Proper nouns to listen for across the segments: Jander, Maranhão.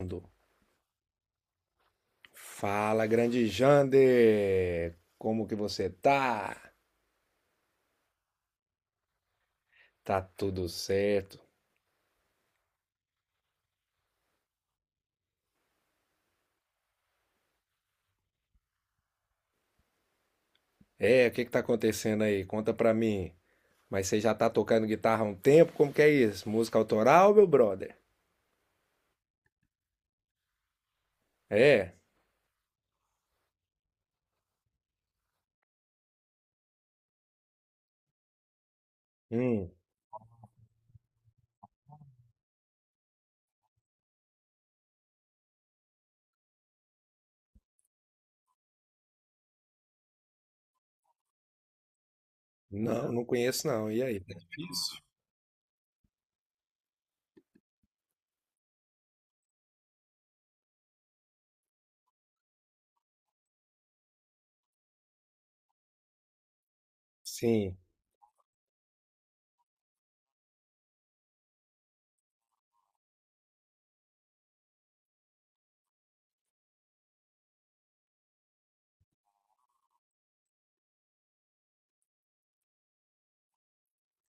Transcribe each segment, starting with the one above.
Mundo. Fala, grande Jander! Como que você tá? Tá tudo certo? O que que tá acontecendo aí? Conta pra mim. Mas você já tá tocando guitarra há um tempo? Como que é isso? Música autoral, meu brother? É? Hum, não, não conheço não. E aí? É difícil. Sim.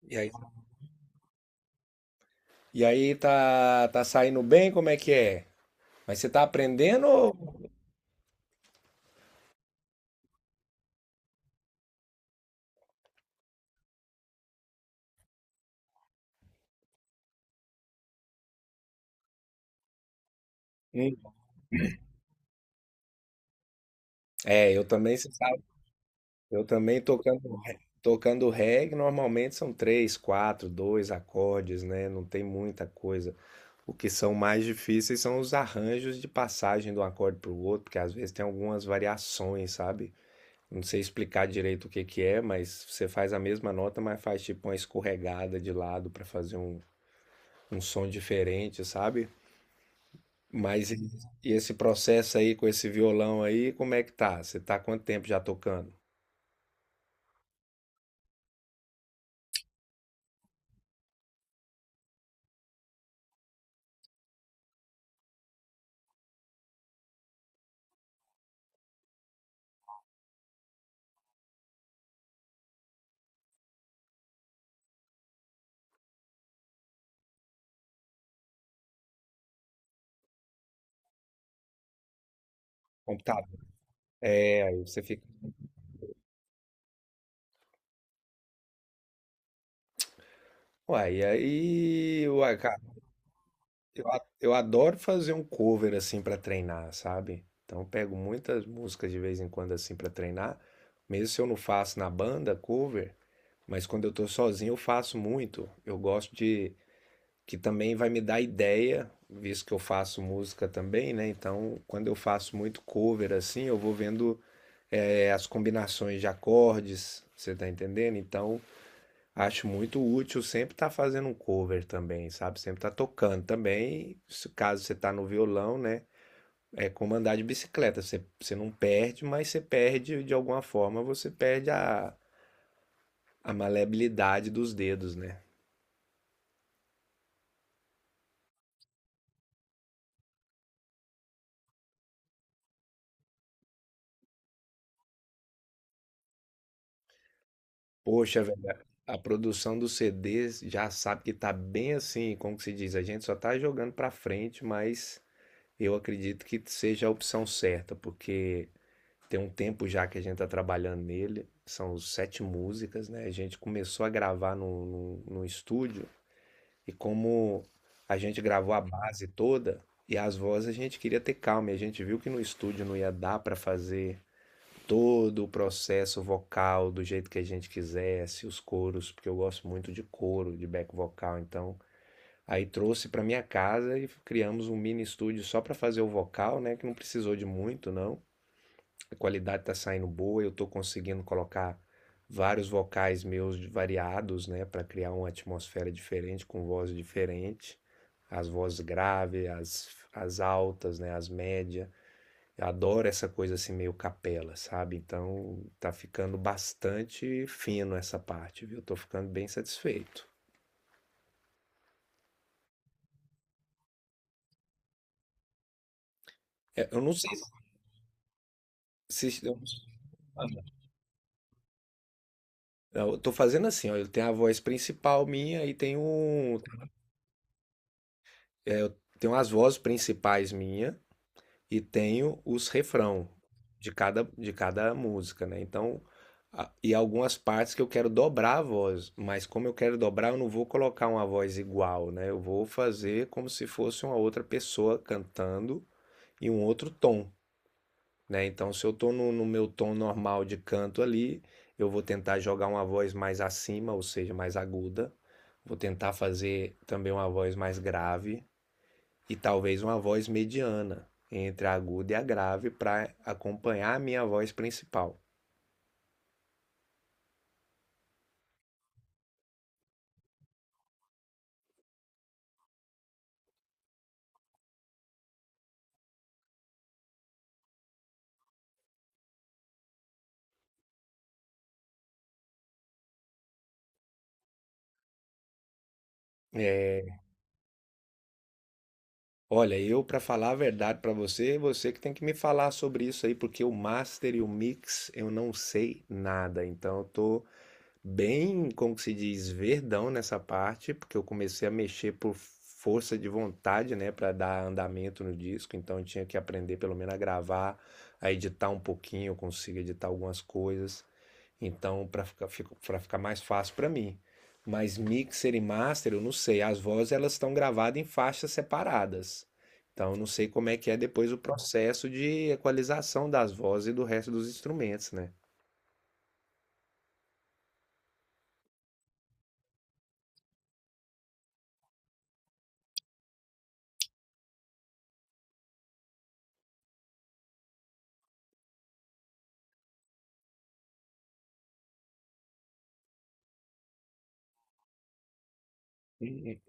E aí? E aí tá saindo bem? Como é que é? Mas você tá aprendendo ou... Hum. É, eu também, você sabe. Eu também tocando, tocando reggae, normalmente são três, quatro, dois acordes, né? Não tem muita coisa. O que são mais difíceis são os arranjos de passagem de um acorde para o outro, porque às vezes tem algumas variações, sabe? Não sei explicar direito o que que é, mas você faz a mesma nota, mas faz tipo uma escorregada de lado para fazer um, um som diferente, sabe? Mas esse processo aí com esse violão aí, como é que tá? Você tá há quanto tempo já tocando? Computador. É, aí você fica. Uai, e aí, uai, cara, eu adoro fazer um cover assim pra treinar, sabe? Então eu pego muitas músicas de vez em quando assim pra treinar, mesmo se eu não faço na banda cover, mas quando eu tô sozinho eu faço muito. Eu gosto de que também vai me dar ideia, visto que eu faço música também, né? Então, quando eu faço muito cover assim, eu vou vendo as combinações de acordes, você tá entendendo? Então, acho muito útil sempre estar fazendo um cover também, sabe? Sempre estar tocando também. Caso você tá no violão, né? É como andar de bicicleta. Você não perde, mas você perde de alguma forma, você perde a maleabilidade dos dedos, né? Poxa, velho, a produção dos CDs já sabe que tá bem assim, como que se diz? A gente só tá jogando pra frente, mas eu acredito que seja a opção certa, porque. Tem um tempo já que a gente tá trabalhando nele, são sete músicas, né? A gente começou a gravar no estúdio e como a gente gravou a base toda e as vozes a gente queria ter calma, e a gente viu que no estúdio não ia dar para fazer todo o processo vocal do jeito que a gente quisesse, os coros, porque eu gosto muito de coro, de back vocal, então aí trouxe para minha casa e criamos um mini estúdio só para fazer o vocal, né? Que não precisou de muito, não, a qualidade está saindo boa, eu estou conseguindo colocar vários vocais meus variados, né, para criar uma atmosfera diferente, com voz diferente, as vozes graves, as altas, né, as médias. Eu adoro essa coisa assim meio capela, sabe? Então tá ficando bastante fino essa parte, viu? Tô ficando bem satisfeito. É, eu não sei se eu, eu tô fazendo assim, ó, eu tenho a voz principal minha e eu tenho as vozes principais minha e tenho os refrão de cada música, né? Então, e algumas partes que eu quero dobrar a voz, mas como eu quero dobrar, eu não vou colocar uma voz igual, né? Eu vou fazer como se fosse uma outra pessoa cantando em um outro tom, né? Então, se eu tô no meu tom normal de canto ali, eu vou tentar jogar uma voz mais acima, ou seja, mais aguda. Vou tentar fazer também uma voz mais grave e talvez uma voz mediana entre a aguda e a grave para acompanhar a minha voz principal. É, olha, eu para falar a verdade para você, você que tem que me falar sobre isso aí, porque o master e o mix eu não sei nada, então eu tô bem, como que se diz, verdão nessa parte, porque eu comecei a mexer por força de vontade, né, para dar andamento no disco, então eu tinha que aprender pelo menos a gravar, a editar um pouquinho, eu consigo editar algumas coisas. Então, para ficar mais fácil para mim. Mas mixer e master, eu não sei, as vozes elas estão gravadas em faixas separadas. Então, eu não sei como é que é depois o processo de equalização das vozes e do resto dos instrumentos, né? Sim,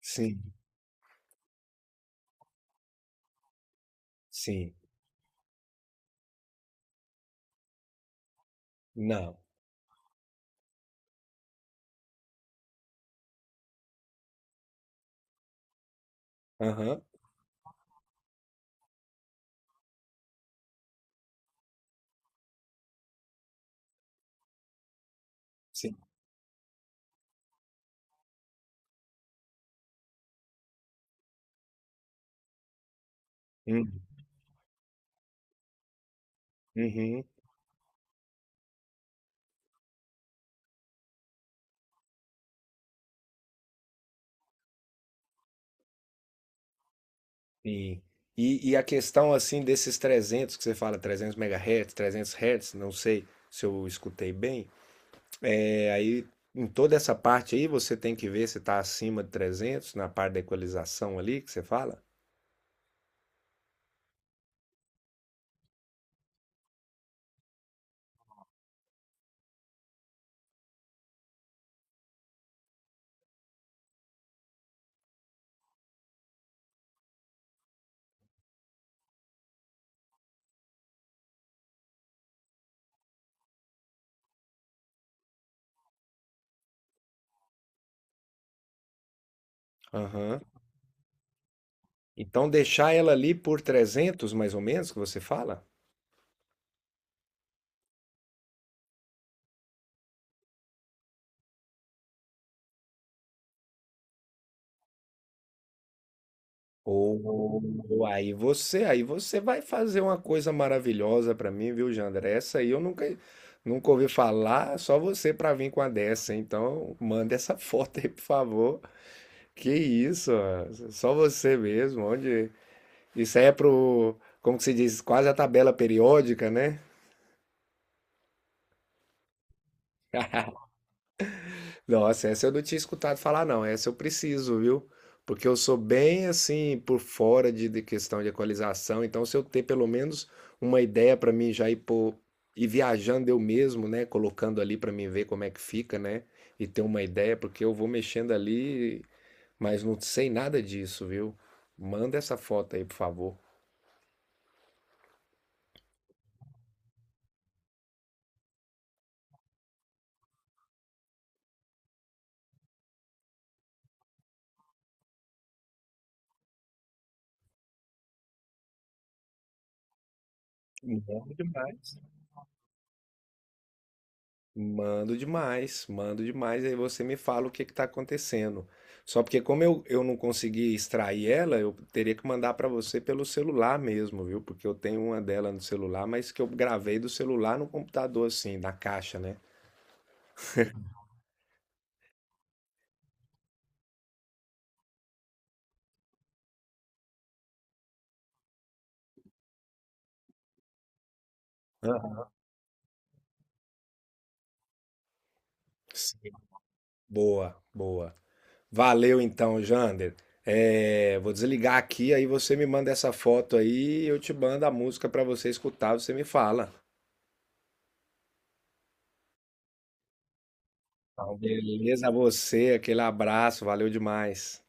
sim, sim. Não. Aham. Sim. Hum. Uhum. Sim. E a questão, assim, desses 300 que você fala, 300 megahertz, 300 hertz, não sei se eu escutei bem, aí em toda essa parte aí você tem que ver se está acima de 300 na parte da equalização ali que você fala? Aham. Então deixar ela ali por 300 mais ou menos que você fala? Aí você vai fazer uma coisa maravilhosa pra mim, viu, Jandra? Essa aí eu nunca, nunca ouvi falar, só você pra vir com a dessa. Então, manda essa foto aí, por favor. Que isso, ó, só você mesmo. Onde... Isso aí é pro, como que se diz, quase a tabela periódica, né? Nossa, essa eu não tinha escutado falar, não. Essa eu preciso, viu? Porque eu sou bem assim, por fora de questão de equalização. Então, se eu ter pelo menos uma ideia para mim já ir, pô, ir viajando eu mesmo, né? Colocando ali para mim ver como é que fica, né? E ter uma ideia, porque eu vou mexendo ali, mas não sei nada disso, viu? Manda essa foto aí, por favor. Bom demais. Mando demais, mando demais. Aí você me fala o que está acontecendo. Só porque como eu não consegui extrair ela, eu teria que mandar para você pelo celular mesmo, viu? Porque eu tenho uma dela no celular, mas que eu gravei do celular no computador, assim, na caixa, né? Aham. Sim. Boa, boa. Valeu então, Jander. É, vou desligar aqui, aí você me manda essa foto aí, eu te mando a música para você escutar, você me fala. Tá, beleza, a você, aquele abraço, valeu demais.